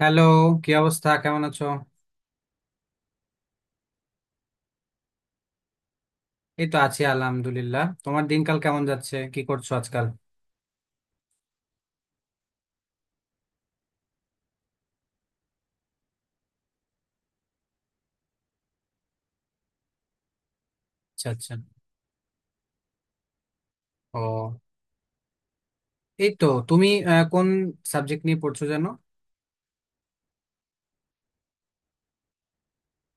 Hello. কি অবস্থা, কেমন আছো? এই তো আছি, আলহামদুলিল্লাহ। তোমার দিনকাল কেমন যাচ্ছে? কি করছো আজকাল? আচ্ছা আচ্ছা। ও, এই তো। তুমি কোন সাবজেক্ট নিয়ে পড়ছো জানো?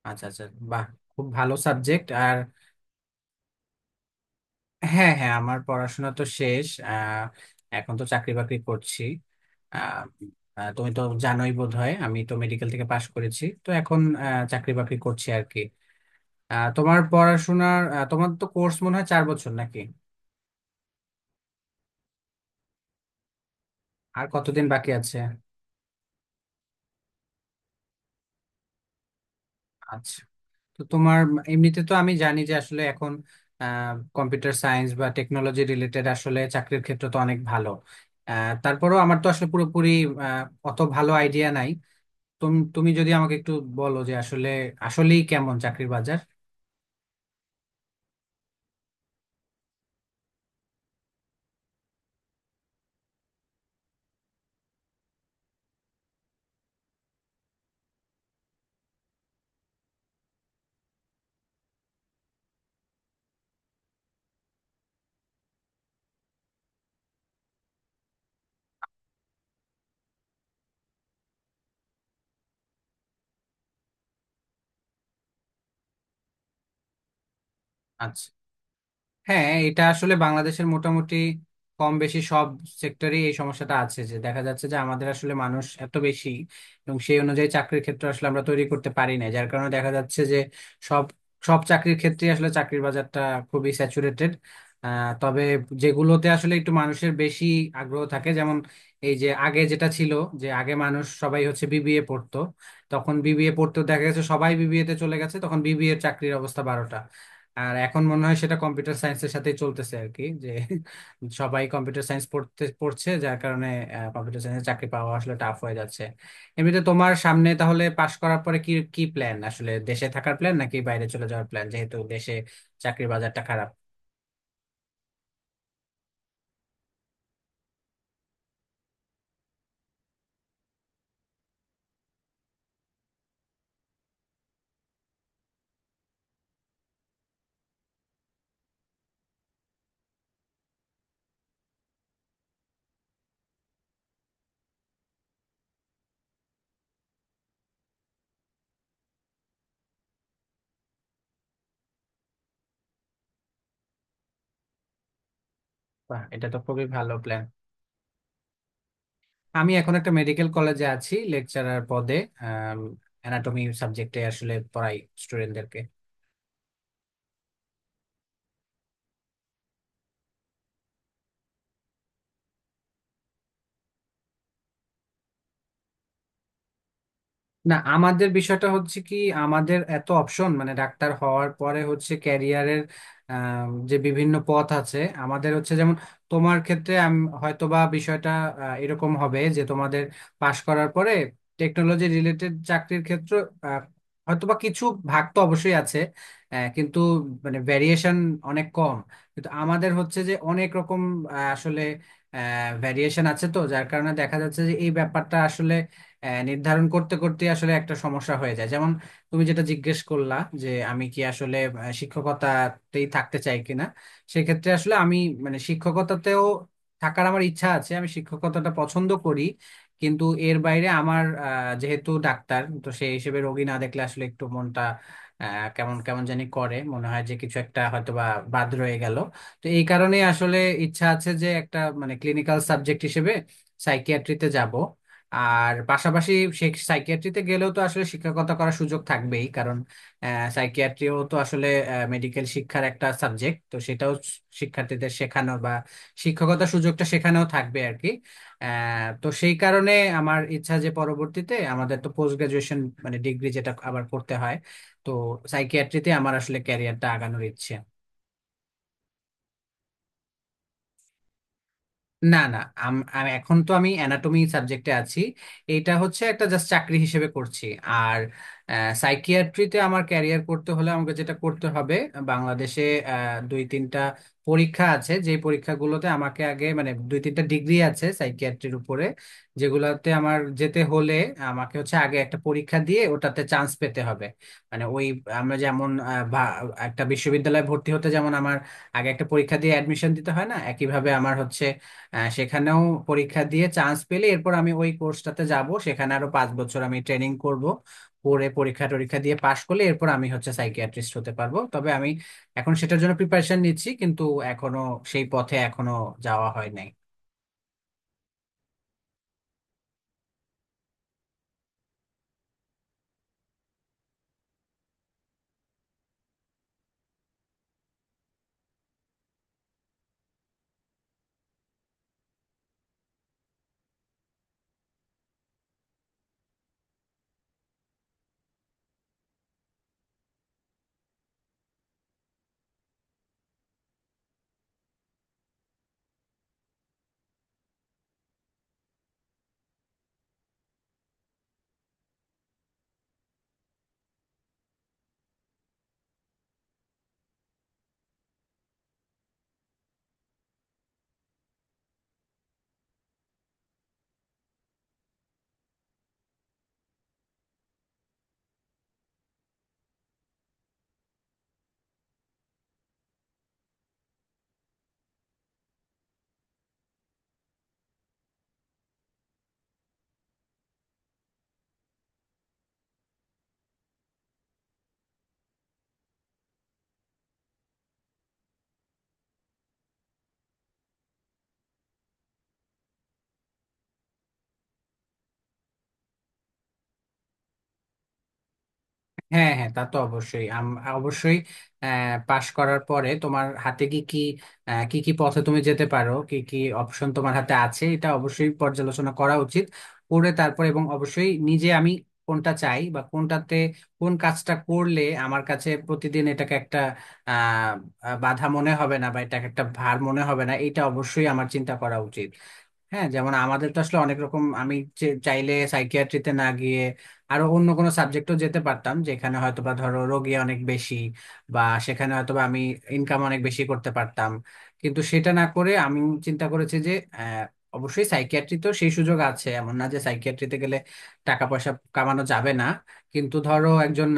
আচ্ছা আচ্ছা। বাহ, খুব ভালো সাবজেক্ট। আর হ্যাঁ হ্যাঁ, আমার পড়াশোনা তো শেষ। এখন তো চাকরি বাকরি করছি। আহ, আহ, তুমি তো জানোই বোধহয়, আমি তো মেডিকেল থেকে পাশ করেছি, তো এখন চাকরি বাকরি করছি আর কি। তোমার পড়াশোনার তোমার তো কোর্স মনে হয় 4 বছর নাকি? আর কতদিন বাকি আছে? আচ্ছা। তো তোমার এমনিতে তো আমি জানি যে আসলে এখন কম্পিউটার সায়েন্স বা টেকনোলজি রিলেটেড আসলে চাকরির ক্ষেত্র তো অনেক ভালো। তারপরেও আমার তো আসলে পুরোপুরি আহ, অত ভালো আইডিয়া নাই। তুমি তুমি যদি আমাকে একটু বলো যে আসলে আসলেই কেমন চাকরির বাজার। আচ্ছা। হ্যাঁ, এটা আসলে বাংলাদেশের মোটামুটি কম বেশি সব সেক্টরে এই সমস্যাটা আছে। যে দেখা যাচ্ছে যে আমাদের আসলে মানুষ এত বেশি, এবং সেই অনুযায়ী চাকরির ক্ষেত্র আসলে আমরা তৈরি করতে পারি না, যার কারণে দেখা যাচ্ছে যে সব সব চাকরির ক্ষেত্রে আসলে চাকরির বাজারটা খুবই স্যাচুরেটেড। তবে যেগুলোতে আসলে একটু মানুষের বেশি আগ্রহ থাকে, যেমন এই যে আগে যেটা ছিল, যে আগে মানুষ সবাই হচ্ছে বিবিএ পড়তো, তখন বিবিএ পড়তো, দেখা গেছে সবাই বিবিএ তে চলে গেছে, তখন বিবিএ এর চাকরির অবস্থা বারোটা। আর এখন মনে হয় সেটা কম্পিউটার সায়েন্সের সাথেই চলতেছে আর কি। যে সবাই কম্পিউটার সায়েন্স পড়তে পড়ছে, যার কারণে কম্পিউটার সায়েন্সে চাকরি পাওয়া আসলে টাফ হয়ে যাচ্ছে। এমনিতে তোমার সামনে তাহলে পাশ করার পরে কি কি প্ল্যান? আসলে দেশে থাকার প্ল্যান নাকি বাইরে চলে যাওয়ার প্ল্যান, যেহেতু দেশে চাকরির বাজারটা খারাপ? বাহ, এটা তো খুবই ভালো প্ল্যান। আমি এখন একটা মেডিকেল কলেজে আছি লেকচারার পদে। অ্যানাটমি সাবজেক্টে আসলে পড়াই স্টুডেন্টদেরকে। না, আমাদের বিষয়টা হচ্ছে কি, আমাদের এত অপশন, মানে ডাক্তার হওয়ার পরে হচ্ছে ক্যারিয়ারের যে বিভিন্ন পথ আছে। আমাদের হচ্ছে যেমন, তোমার ক্ষেত্রে হয়তো বা বিষয়টা এরকম হবে যে তোমাদের পাশ করার পরে টেকনোলজি রিলেটেড চাকরির ক্ষেত্র আহ, হয়তো বা কিছু ভাগ তো অবশ্যই আছে, কিন্তু মানে ভ্যারিয়েশন অনেক কম। কিন্তু আমাদের হচ্ছে যে অনেক রকম আসলে ভ্যারিয়েশন আছে, তো যার কারণে দেখা যাচ্ছে যে এই ব্যাপারটা নির্ধারণ করতে করতে আসলে একটা সমস্যা হয়ে যায়। যেমন তুমি যেটা জিজ্ঞেস করলা যে আমি কি আসলে শিক্ষকতাতেই থাকতে চাই কিনা। সেক্ষেত্রে আসলে আমি, মানে শিক্ষকতাতেও থাকার আমার ইচ্ছা আছে, আমি শিক্ষকতাটা পছন্দ করি। কিন্তু এর বাইরে আমার যেহেতু ডাক্তার, তো সেই হিসেবে রোগী না দেখলে আসলে একটু মনটা আহ, কেমন কেমন জানি করে, মনে হয় যে কিছু একটা হয়তোবা বাদ রয়ে গেল। তো এই কারণে আসলে ইচ্ছা আছে যে একটা মানে ক্লিনিক্যাল সাবজেক্ট হিসেবে সাইকিয়াট্রিতে যাব। আর পাশাপাশি সে, সাইকিয়াট্রিতে গেলেও তো আসলে শিক্ষকতা করার সুযোগ থাকবেই, কারণ সাইকিয়াট্রিও তো আসলে মেডিকেল শিক্ষার একটা সাবজেক্ট, তো সেটাও শিক্ষার্থীদের শেখানো বা শিক্ষকতার সুযোগটা সেখানেও থাকবে আর কি। তো সেই কারণে আমার ইচ্ছা যে পরবর্তীতে আমাদের তো পোস্ট গ্রাজুয়েশন মানে ডিগ্রি যেটা আবার করতে হয়, তো সাইকিয়াট্রিতে আমার আসলে ক্যারিয়ারটা আগানোর ইচ্ছে। না না, আমি এখন তো আমি অ্যানাটমি সাবজেক্টে আছি। এটা হচ্ছে একটা জাস্ট চাকরি হিসেবে করছি। আর সাইকিয়াট্রিতে আমার ক্যারিয়ার করতে হলে আমাকে যেটা করতে হবে, বাংলাদেশে 2-3টা পরীক্ষা আছে, যে পরীক্ষাগুলোতে আমাকে আগে, মানে 2-3টা ডিগ্রি আছে সাইকিয়াট্রির উপরে, যেগুলোতে আমার যেতে হলে আমাকে হচ্ছে আগে একটা পরীক্ষা দিয়ে ওটাতে চান্স পেতে হবে। মানে ওই, আমরা যেমন একটা বিশ্ববিদ্যালয়ে ভর্তি হতে যেমন আমার আগে একটা পরীক্ষা দিয়ে অ্যাডমিশন দিতে হয় না, সেখানেও পরীক্ষা দিয়ে চান্স পেলে এরপর আমি ওই কোর্সটাতে যাব, সেখানে আরো 5 বছর আমি ট্রেনিং করব। করে পরীক্ষা টরীক্ষা দিয়ে পাশ করলে এরপর আমি হচ্ছে সাইকিয়াট্রিস্ট হতে পারবো। তবে আমি এখন সেটার জন্য প্রিপারেশন নিচ্ছি, কিন্তু এখনো সেই পথে এখনো যাওয়া হয় নাই। হ্যাঁ হ্যাঁ, তা তো অবশ্যই। অবশ্যই পাশ করার পরে তোমার হাতে কি কি কি কি পথে তুমি যেতে পারো, কি কি অপশন তোমার হাতে আছে, এটা অবশ্যই পর্যালোচনা করা উচিত করে তারপর। এবং অবশ্যই নিজে আমি কোনটা চাই বা কোনটাতে, কোন কাজটা করলে আমার কাছে প্রতিদিন এটাকে একটা আহ আহ, বাধা মনে হবে না বা এটাকে একটা ভার মনে হবে না, এটা অবশ্যই আমার চিন্তা করা উচিত। হ্যাঁ, যেমন আমাদের তো আসলে অনেক রকম, আমি চাইলে সাইকিয়াট্রিতে না গিয়ে আরো অন্য কোনো সাবজেক্টও যেতে পারতাম, যেখানে হয়তোবা ধরো রোগী অনেক বেশি, বা সেখানে হয়তোবা আমি ইনকাম অনেক বেশি করতে পারতাম। কিন্তু সেটা না করে আমি চিন্তা করেছি যে আহ, অবশ্যই সাইকিয়াট্রি তো সেই সুযোগ আছে, এমন না যে সাইকিয়াট্রিতে গেলে টাকা পয়সা কামানো যাবে না। কিন্তু ধরো একজন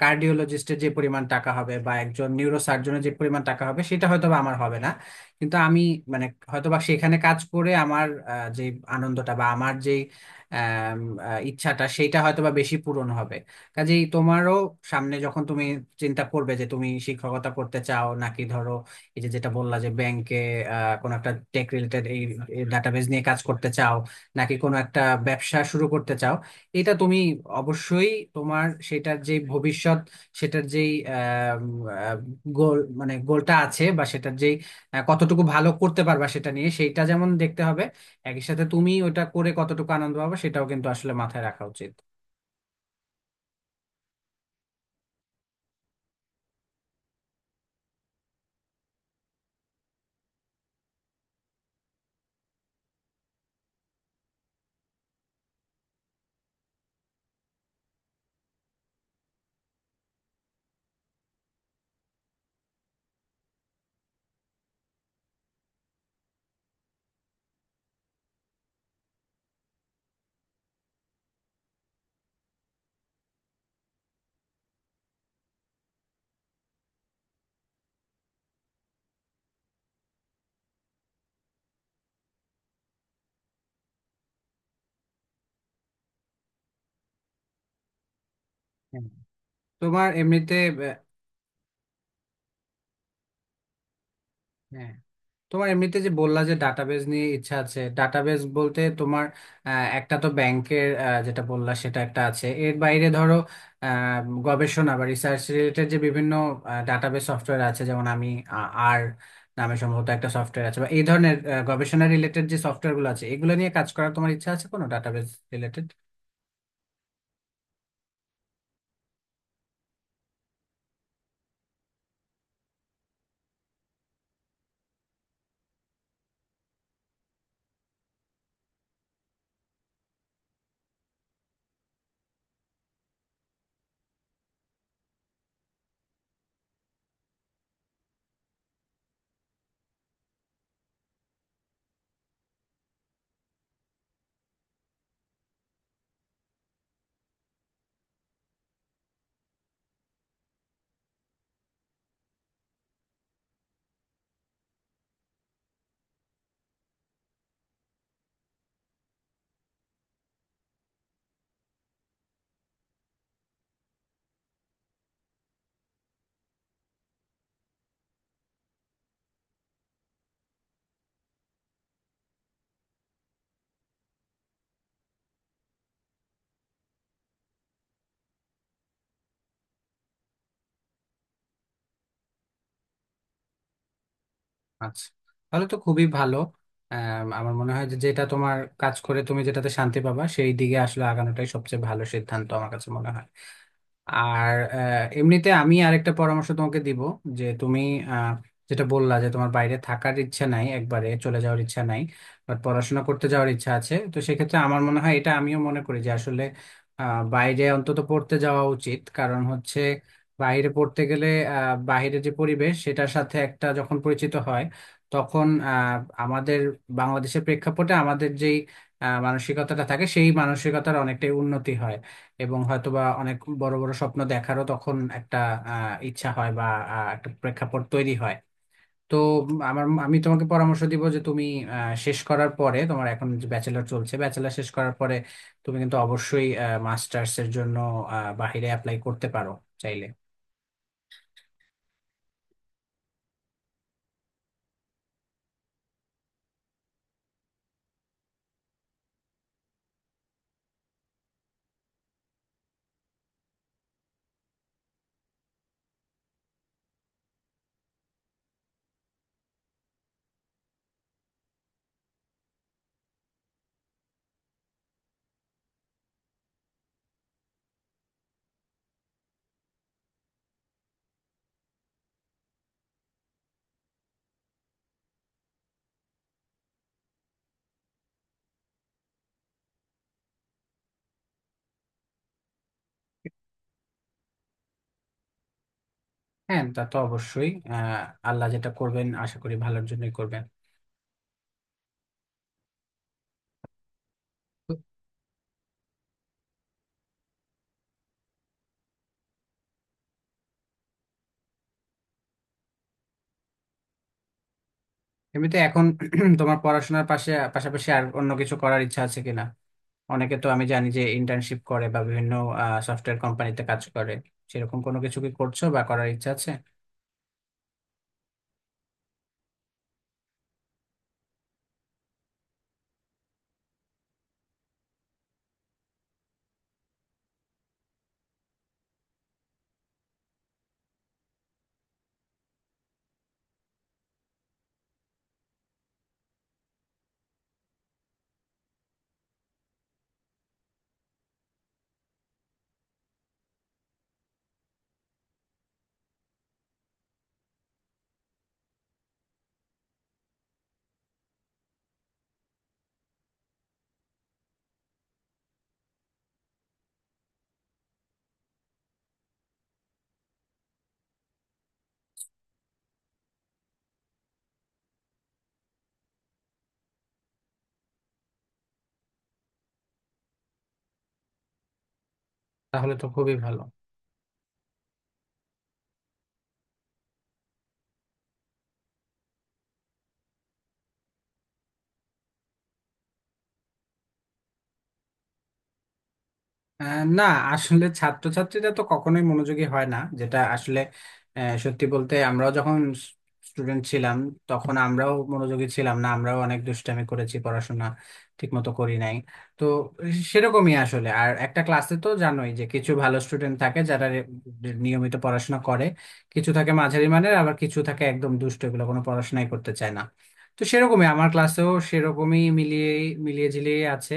কার্ডিওলজিস্টের যে পরিমাণ টাকা হবে বা একজন নিউরোসার্জনের যে পরিমাণ টাকা হবে, সেটা হয়তোবা আমার হবে না। কিন্তু আমি, মানে হয়তোবা সেখানে কাজ করে আমার যে আনন্দটা বা আমার যে আম, ইচ্ছাটা, সেইটা হয়তোবা বেশি পূরণ হবে। কাজেই তোমারও সামনে যখন তুমি চিন্তা করবে যে তুমি শিক্ষকতা করতে চাও, নাকি ধরো এই যে যেটা বললা যে ব্যাংকে কোনো একটা টেক রিলেটেড এই ডাটাবেজ নিয়ে কাজ করতে চাও, নাকি কোনো একটা ব্যবসা শুরু করতে চাও, এটা তুমি অবশ্যই তোমার সেটার যে ভবিষ্যৎ, সেটার যেই গোল, মানে গোলটা আছে বা সেটার যেই, হ্যাঁ, কতটুকু ভালো করতে পারবা সেটা নিয়ে, সেইটা যেমন দেখতে হবে, একই সাথে তুমি ওটা করে কতটুকু আনন্দ পাবা সেটাও কিন্তু আসলে মাথায় রাখা উচিত। হ্যাঁ। তোমার এমনিতে আহ, হ্যাঁ, তোমার এমনিতে যে বললা যে ডাটাবেজ নিয়ে ইচ্ছা আছে, ডাটাবেজ বলতে তোমার একটা তো ব্যাংকের যেটা বললা সেটা একটা আছে, এর বাইরে ধরো আহ, গবেষণা বা রিসার্চ রিলেটেড যে বিভিন্ন ডাটাবেজ সফটওয়্যার আছে, যেমন আমি আর নামে সম্ভবত একটা সফটওয়্যার আছে, বা এই ধরনের গবেষণা রিলেটেড যে সফটওয়্যার গুলো আছে, এগুলো নিয়ে কাজ করার তোমার ইচ্ছা আছে কোনো ডাটাবেজ রিলেটেড? আচ্ছা, তাহলে তো খুবই ভালো। আম, আমার মনে হয় যে যেটা তোমার কাজ করে তুমি যেটাতে শান্তি পাবা, সেই দিকে আসলে আগানোটাই সবচেয়ে ভালো সিদ্ধান্ত আমার কাছে মনে হয়। আর এমনিতে আমি আরেকটা পরামর্শ তোমাকে দিব যে তুমি আহ, যেটা বললা যে তোমার বাইরে থাকার ইচ্ছা নাই, একবারে চলে যাওয়ার ইচ্ছা নাই, বাট পড়াশোনা করতে যাওয়ার ইচ্ছা আছে। তো সেক্ষেত্রে আমার মনে হয়, এটা আমিও মনে করি যে আসলে বাইরে অন্তত পড়তে যাওয়া উচিত। কারণ হচ্ছে বাইরে পড়তে গেলে বাইরের যে পরিবেশ, সেটার সাথে একটা যখন পরিচিত হয়, তখন আমাদের বাংলাদেশের প্রেক্ষাপটে আমাদের যেই মানসিকতাটা থাকে, সেই মানসিকতার অনেকটাই উন্নতি হয়, এবং হয়তোবা অনেক বড় বড় স্বপ্ন দেখারও তখন একটা ইচ্ছা হয় বা একটা প্রেক্ষাপট তৈরি হয়। তো আমার, আমি তোমাকে পরামর্শ দিব যে তুমি শেষ করার পরে তোমার এখন যে ব্যাচেলর চলছে, ব্যাচেলর শেষ করার পরে তুমি কিন্তু অবশ্যই মাস্টার্স এর জন্য বাহিরে অ্যাপ্লাই করতে পারো চাইলে। হ্যাঁ, তা তো অবশ্যই। আল্লাহ যেটা করবেন আশা করি ভালোর জন্যই করবেন। তো এমনিতে এখন তোমার পড়াশোনার পাশে পাশাপাশি আর অন্য কিছু করার ইচ্ছা আছে কিনা? অনেকে তো আমি জানি যে ইন্টার্নশিপ করে বা বিভিন্ন সফটওয়্যার কোম্পানিতে কাজ করে, সেরকম কোনো কিছু কি করছো বা করার ইচ্ছা আছে? তাহলে তো খুবই ভালো। না, আসলে ছাত্রছাত্রীরা তো কখনোই মনোযোগী হয় না, যেটা আসলে সত্যি বলতে আমরাও যখন স্টুডেন্ট ছিলাম তখন আমরাও মনোযোগী ছিলাম না, আমরাও অনেক দুষ্টামি করেছি, পড়াশোনা ঠিকমতো করি নাই। তো সেরকমই আসলে। আর একটা ক্লাসে তো জানোই যে কিছু ভালো স্টুডেন্ট থাকে যারা নিয়মিত পড়াশোনা করে, কিছু থাকে মাঝারি মানের, আবার কিছু থাকে একদম দুষ্ট, এগুলো কোনো পড়াশোনাই করতে চায় না। তো সেরকমই আমার ক্লাসেও সেরকমই মিলিয়ে মিলিয়ে ঝিলিয়ে আছে।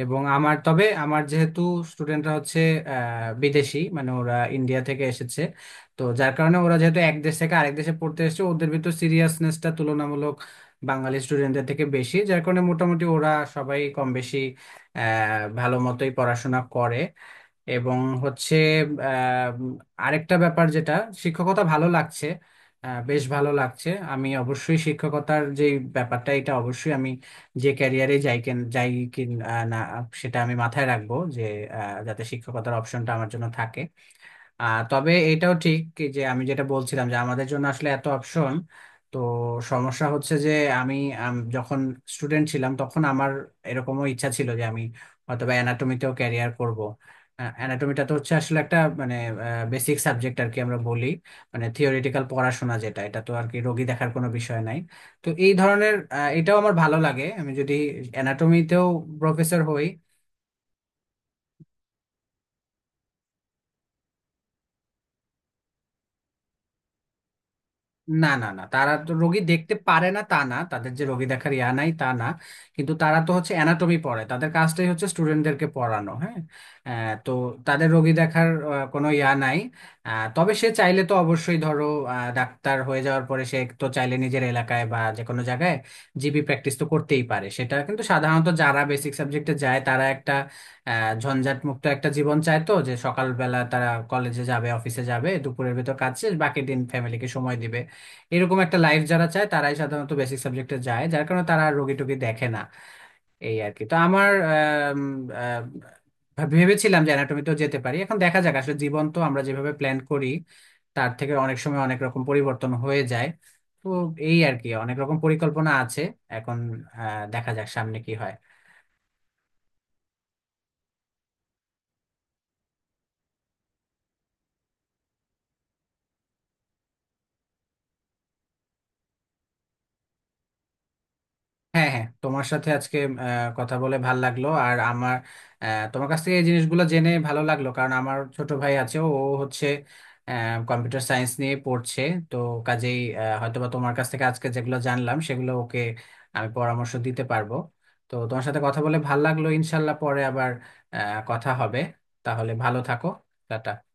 এবং আমার, তবে আমার যেহেতু স্টুডেন্টরা হচ্ছে বিদেশি, মানে ওরা ইন্ডিয়া থেকে এসেছে, তো যার কারণে ওরা যেহেতু এক দেশ থেকে আরেক দেশে পড়তে এসেছে, ওদের ভিতর সিরিয়াসনেসটা তুলনামূলক বাঙালি স্টুডেন্টদের থেকে বেশি, যার কারণে মোটামুটি ওরা সবাই কম বেশি আহ ভালো মতোই পড়াশোনা করে। এবং হচ্ছে আহ, আরেকটা ব্যাপার যেটা, শিক্ষকতা ভালো লাগছে, বেশ ভালো লাগছে। আমি অবশ্যই শিক্ষকতার যে ব্যাপারটা, এটা অবশ্যই আমি যে ক্যারিয়ারে যাই, কেন যাই, কি না, সেটা আমি মাথায় রাখবো যে যাতে শিক্ষকতার অপশনটা আমার জন্য থাকে। তবে এটাও ঠিক যে আমি যেটা বলছিলাম যে আমাদের জন্য আসলে এত অপশন, তো সমস্যা হচ্ছে যে আমি, আম, যখন স্টুডেন্ট ছিলাম তখন আমার এরকমও ইচ্ছা ছিল যে আমি হয়তো বা অ্যানাটমিতেও ক্যারিয়ার করব। অ্যানাটমিটা তো হচ্ছে আসলে একটা মানে বেসিক সাবজেক্ট আর কি আমরা বলি, মানে থিওরিটিক্যাল পড়াশোনা যেটা, এটা তো আর কি রোগী দেখার কোনো বিষয় নাই। তো এই ধরনের এটাও আমার ভালো লাগে, আমি যদি অ্যানাটমিতেও প্রফেসর হই। না না না, তারা তো রোগী দেখতে পারে না তা না, তাদের যে রোগী দেখার ইয়া নাই তা না, কিন্তু তারা তো হচ্ছে অ্যানাটমি পড়ায়, তাদের কাজটাই হচ্ছে স্টুডেন্টদেরকে পড়ানো। হ্যাঁ, তো তাদের রোগী দেখার কোনো ইয়া নাই। তবে সে চাইলে তো অবশ্যই ধরো ডাক্তার হয়ে যাওয়ার পরে সে তো চাইলে নিজের এলাকায় বা যে কোনো জায়গায় জিবি প্র্যাকটিস তো করতেই পারে, সেটা। কিন্তু সাধারণত যারা বেসিক সাবজেক্টে যায় তারা একটা আহ, ঝঞ্ঝাট মুক্ত একটা জীবন চায়। তো যে সকালবেলা তারা কলেজে যাবে, অফিসে যাবে, দুপুরের ভিতর কাজ শেষ, বাকি দিন ফ্যামিলিকে সময় দিবে, এরকম একটা লাইফ যারা চায় তারাই সাধারণত বেসিক সাবজেক্টে যায়, যার কারণে তারা আর রোগী টোগী দেখে না। এই আর কি, তো আমার আম, আম, ভেবেছিলাম যে অ্যানাটমিতেও যেতে পারি। এখন দেখা যাক, আসলে জীবন তো আমরা যেভাবে প্ল্যান করি তার থেকে অনেক সময় অনেক রকম পরিবর্তন হয়ে যায়। তো এই আর কি, অনেক রকম পরিকল্পনা আছে এখন, দেখা যাক সামনে কি হয়। হ্যাঁ হ্যাঁ, তোমার সাথে আজকে কথা বলে ভাল লাগলো। আর আমার তোমার কাছ থেকে এই জিনিসগুলো জেনে ভালো লাগলো, কারণ আমার ছোট ভাই আছে ও হচ্ছে কম্পিউটার সায়েন্স নিয়ে পড়ছে। তো কাজেই হয়তোবা তোমার কাছ থেকে আজকে যেগুলো জানলাম সেগুলো ওকে আমি পরামর্শ দিতে পারবো। তো তোমার সাথে কথা বলে ভাল লাগলো, ইনশাল্লাহ পরে আবার কথা হবে। তাহলে ভালো থাকো, টাটা।